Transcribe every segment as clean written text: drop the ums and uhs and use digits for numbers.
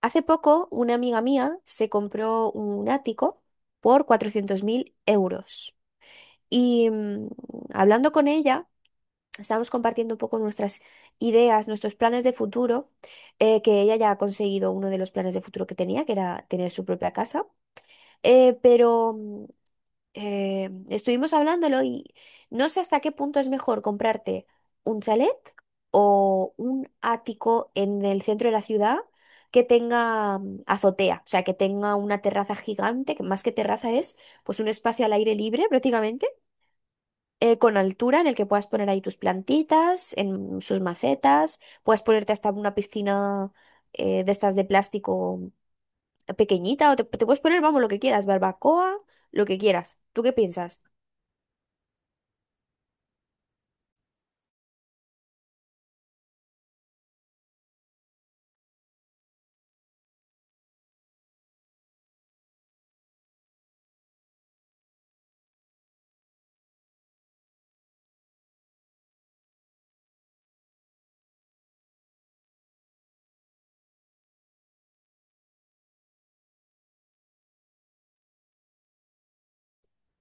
Hace poco, una amiga mía se compró un ático por 400.000 euros. Y mm, hablando con ella, estábamos compartiendo un poco nuestras ideas, nuestros planes de futuro, que ella ya ha conseguido uno de los planes de futuro que tenía, que era tener su propia casa. Eh, pero mm, estuvimos hablándolo y no sé hasta qué punto es mejor comprarte un chalet o un ático en el centro de la ciudad que tenga azotea, o sea, que tenga una terraza gigante, que más que terraza es pues un espacio al aire libre prácticamente, con altura en el que puedas poner ahí tus plantitas, en sus macetas, puedes ponerte hasta una piscina de estas de plástico pequeñita o te puedes poner, vamos, lo que quieras, barbacoa, lo que quieras. ¿Tú qué piensas?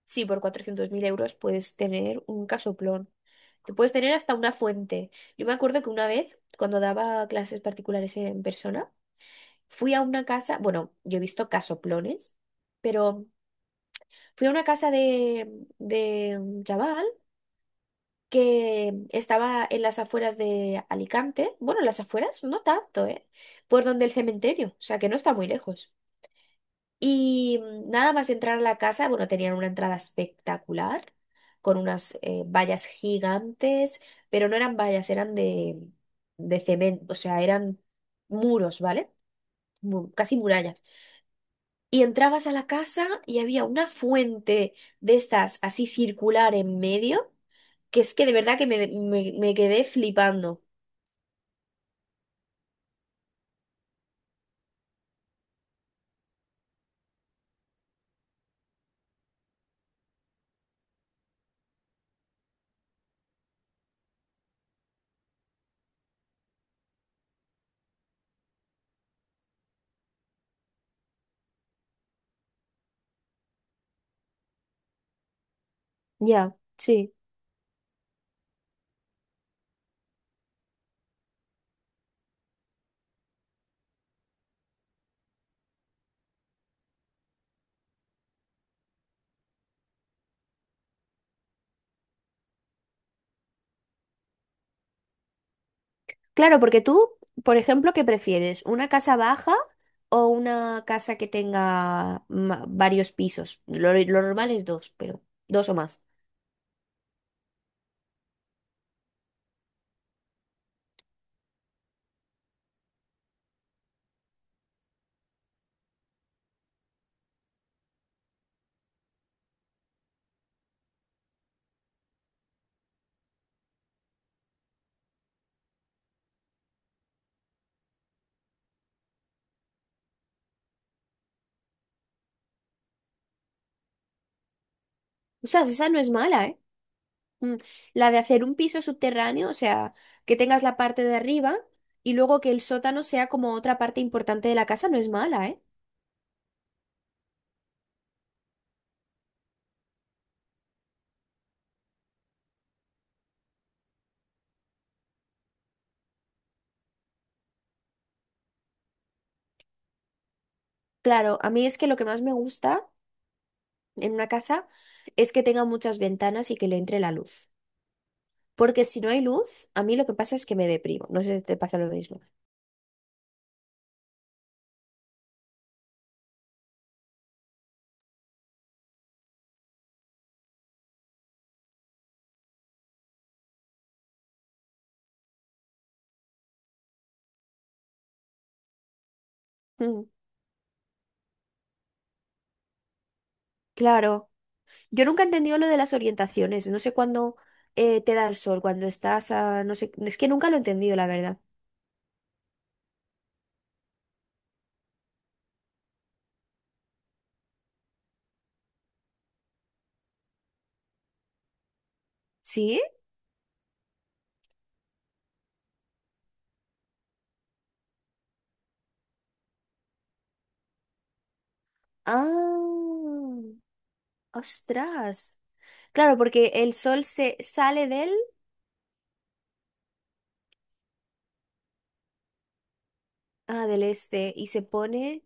Sí, por 400.000 euros puedes tener un casoplón. Te puedes tener hasta una fuente. Yo me acuerdo que una vez, cuando daba clases particulares en persona, fui a una casa, bueno, yo he visto casoplones, pero fui a una casa de un chaval que estaba en las afueras de Alicante, bueno, en las afueras no tanto, ¿eh? Por donde el cementerio, o sea que no está muy lejos. Nada más entrar a la casa, bueno, tenían una entrada espectacular, con unas vallas gigantes, pero no eran vallas, eran de cemento, o sea, eran muros, ¿vale? Mu- casi murallas. Y entrabas a la casa y había una fuente de estas así circular en medio, que es que de verdad que me quedé flipando. Ya, sí. Claro, porque tú, por ejemplo, ¿qué prefieres? ¿Una casa baja o una casa que tenga ma- varios pisos? Lo normal es dos, pero dos o más. O sea, si esa no es mala, ¿eh? Mm, la de hacer un piso subterráneo, o sea, que tengas la parte de arriba y luego que el sótano sea como otra parte importante de la casa, no es mala, ¿eh? Claro, a mí es que lo que más me gusta en una casa es que tenga muchas ventanas y que le entre la luz. Porque si no hay luz, a mí lo que pasa es que me deprimo. No sé si te pasa lo mismo. Mm. Claro, yo nunca he entendido lo de las orientaciones, no sé cuándo te da el sol, cuando estás a, no sé, es que nunca lo he entendido, la verdad. ¿Sí? Ah, ostras. Claro, porque el sol se sale del, Ah, del este y se pone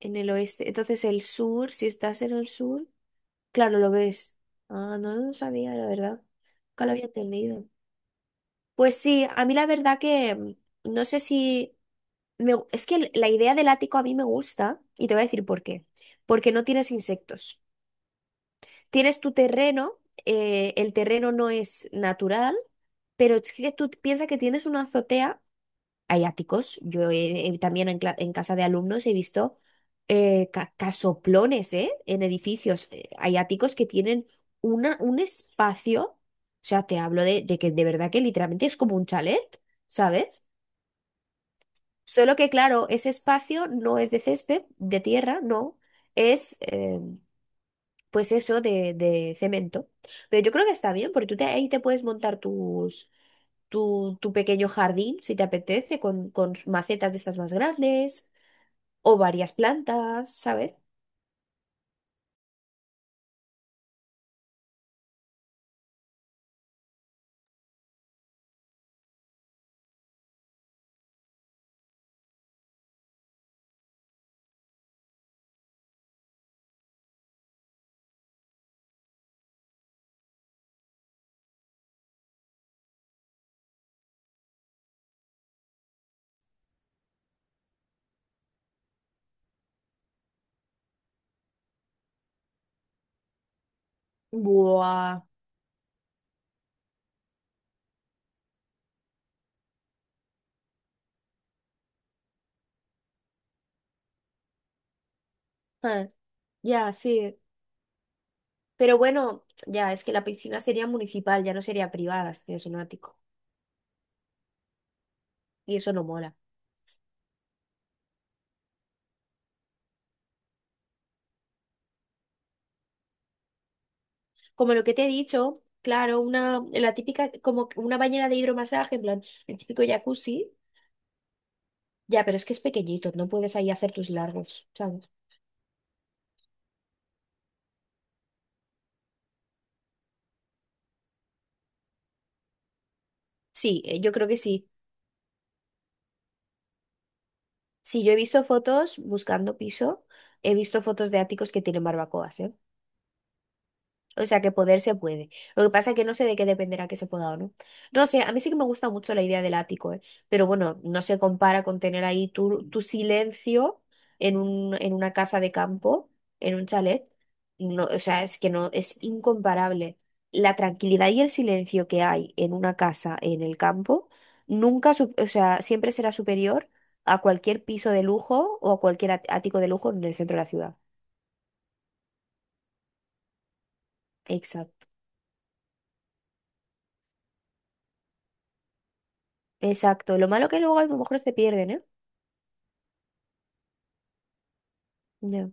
en el oeste, entonces el sur, si estás en el sur, claro, lo ves. Ah, no lo sabía, la verdad, nunca lo había entendido. Pues sí, a mí la verdad que no sé si... Me gu- es que la idea del ático a mí me gusta y te voy a decir por qué. Porque no tienes insectos. Tienes tu terreno, el terreno no es natural, pero es que tú piensas que tienes una azotea, hay áticos, también en, cla- en casa de alumnos he visto ca- casoplones, ¿eh? En edificios, hay áticos que tienen un espacio, o sea, te hablo de que de verdad que literalmente es como un chalet, ¿sabes? Solo que, claro, ese espacio no es de césped, de tierra, no, es pues eso de cemento. Pero yo creo que está bien, porque tú te- ahí te puedes montar tu pequeño jardín, si te apetece, con macetas de estas más grandes o varias plantas, ¿sabes? Buah. Ah, ya, sí. Pero bueno, ya, es que la piscina sería municipal, ya no sería privada, si tienes un ático. Y eso no mola. Como lo que te he dicho, claro, la típica, como que una bañera de hidromasaje, en plan, el típico jacuzzi, ya, pero es que es pequeñito, no puedes ahí hacer tus largos, ¿sabes? Sí, yo creo que sí. Sí, yo he visto fotos buscando piso, he visto fotos de áticos que tienen barbacoas, ¿eh? O sea, que poder se puede. Lo que pasa es que no sé de qué dependerá que se pueda o no. No sé, a mí sí que me gusta mucho la idea del ático, ¿eh? Pero bueno, no se compara con tener ahí tu silencio en una casa de campo, en un chalet. No, o sea, es que no, es incomparable. La tranquilidad y el silencio que hay en una casa en el campo, nunca, su- o sea, siempre será superior a cualquier piso de lujo o a cualquier at- ático de lujo en el centro de la ciudad. Exacto. Exacto. Lo malo que luego a lo mejor se pierden, ¿eh? Ya.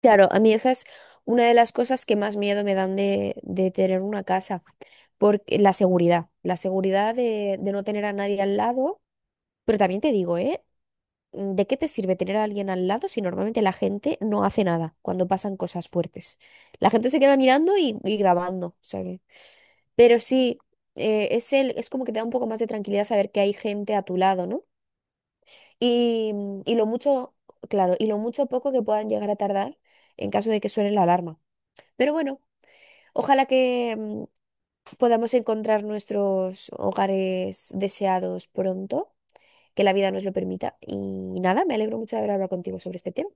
Claro, a mí esa es una de las cosas que más miedo me dan de tener una casa, porque la seguridad de no tener a nadie al lado, pero también te digo, ¿eh? Mm, ¿de qué te sirve tener a alguien al lado si normalmente la gente no hace nada cuando pasan cosas fuertes? La gente se queda mirando y grabando, o sea que... Pero sí, es el, es como que te da un poco más de tranquilidad saber que hay gente a tu lado, ¿no? Y, y lo mucho, claro, y lo mucho o poco que puedan llegar a tardar en caso de que suene la alarma. Pero bueno, ojalá que podamos encontrar nuestros hogares deseados pronto, que la vida nos lo permita. Y nada, me alegro mucho de haber hablado contigo sobre este tema.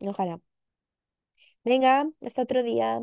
Ojalá. Venga, hasta otro día.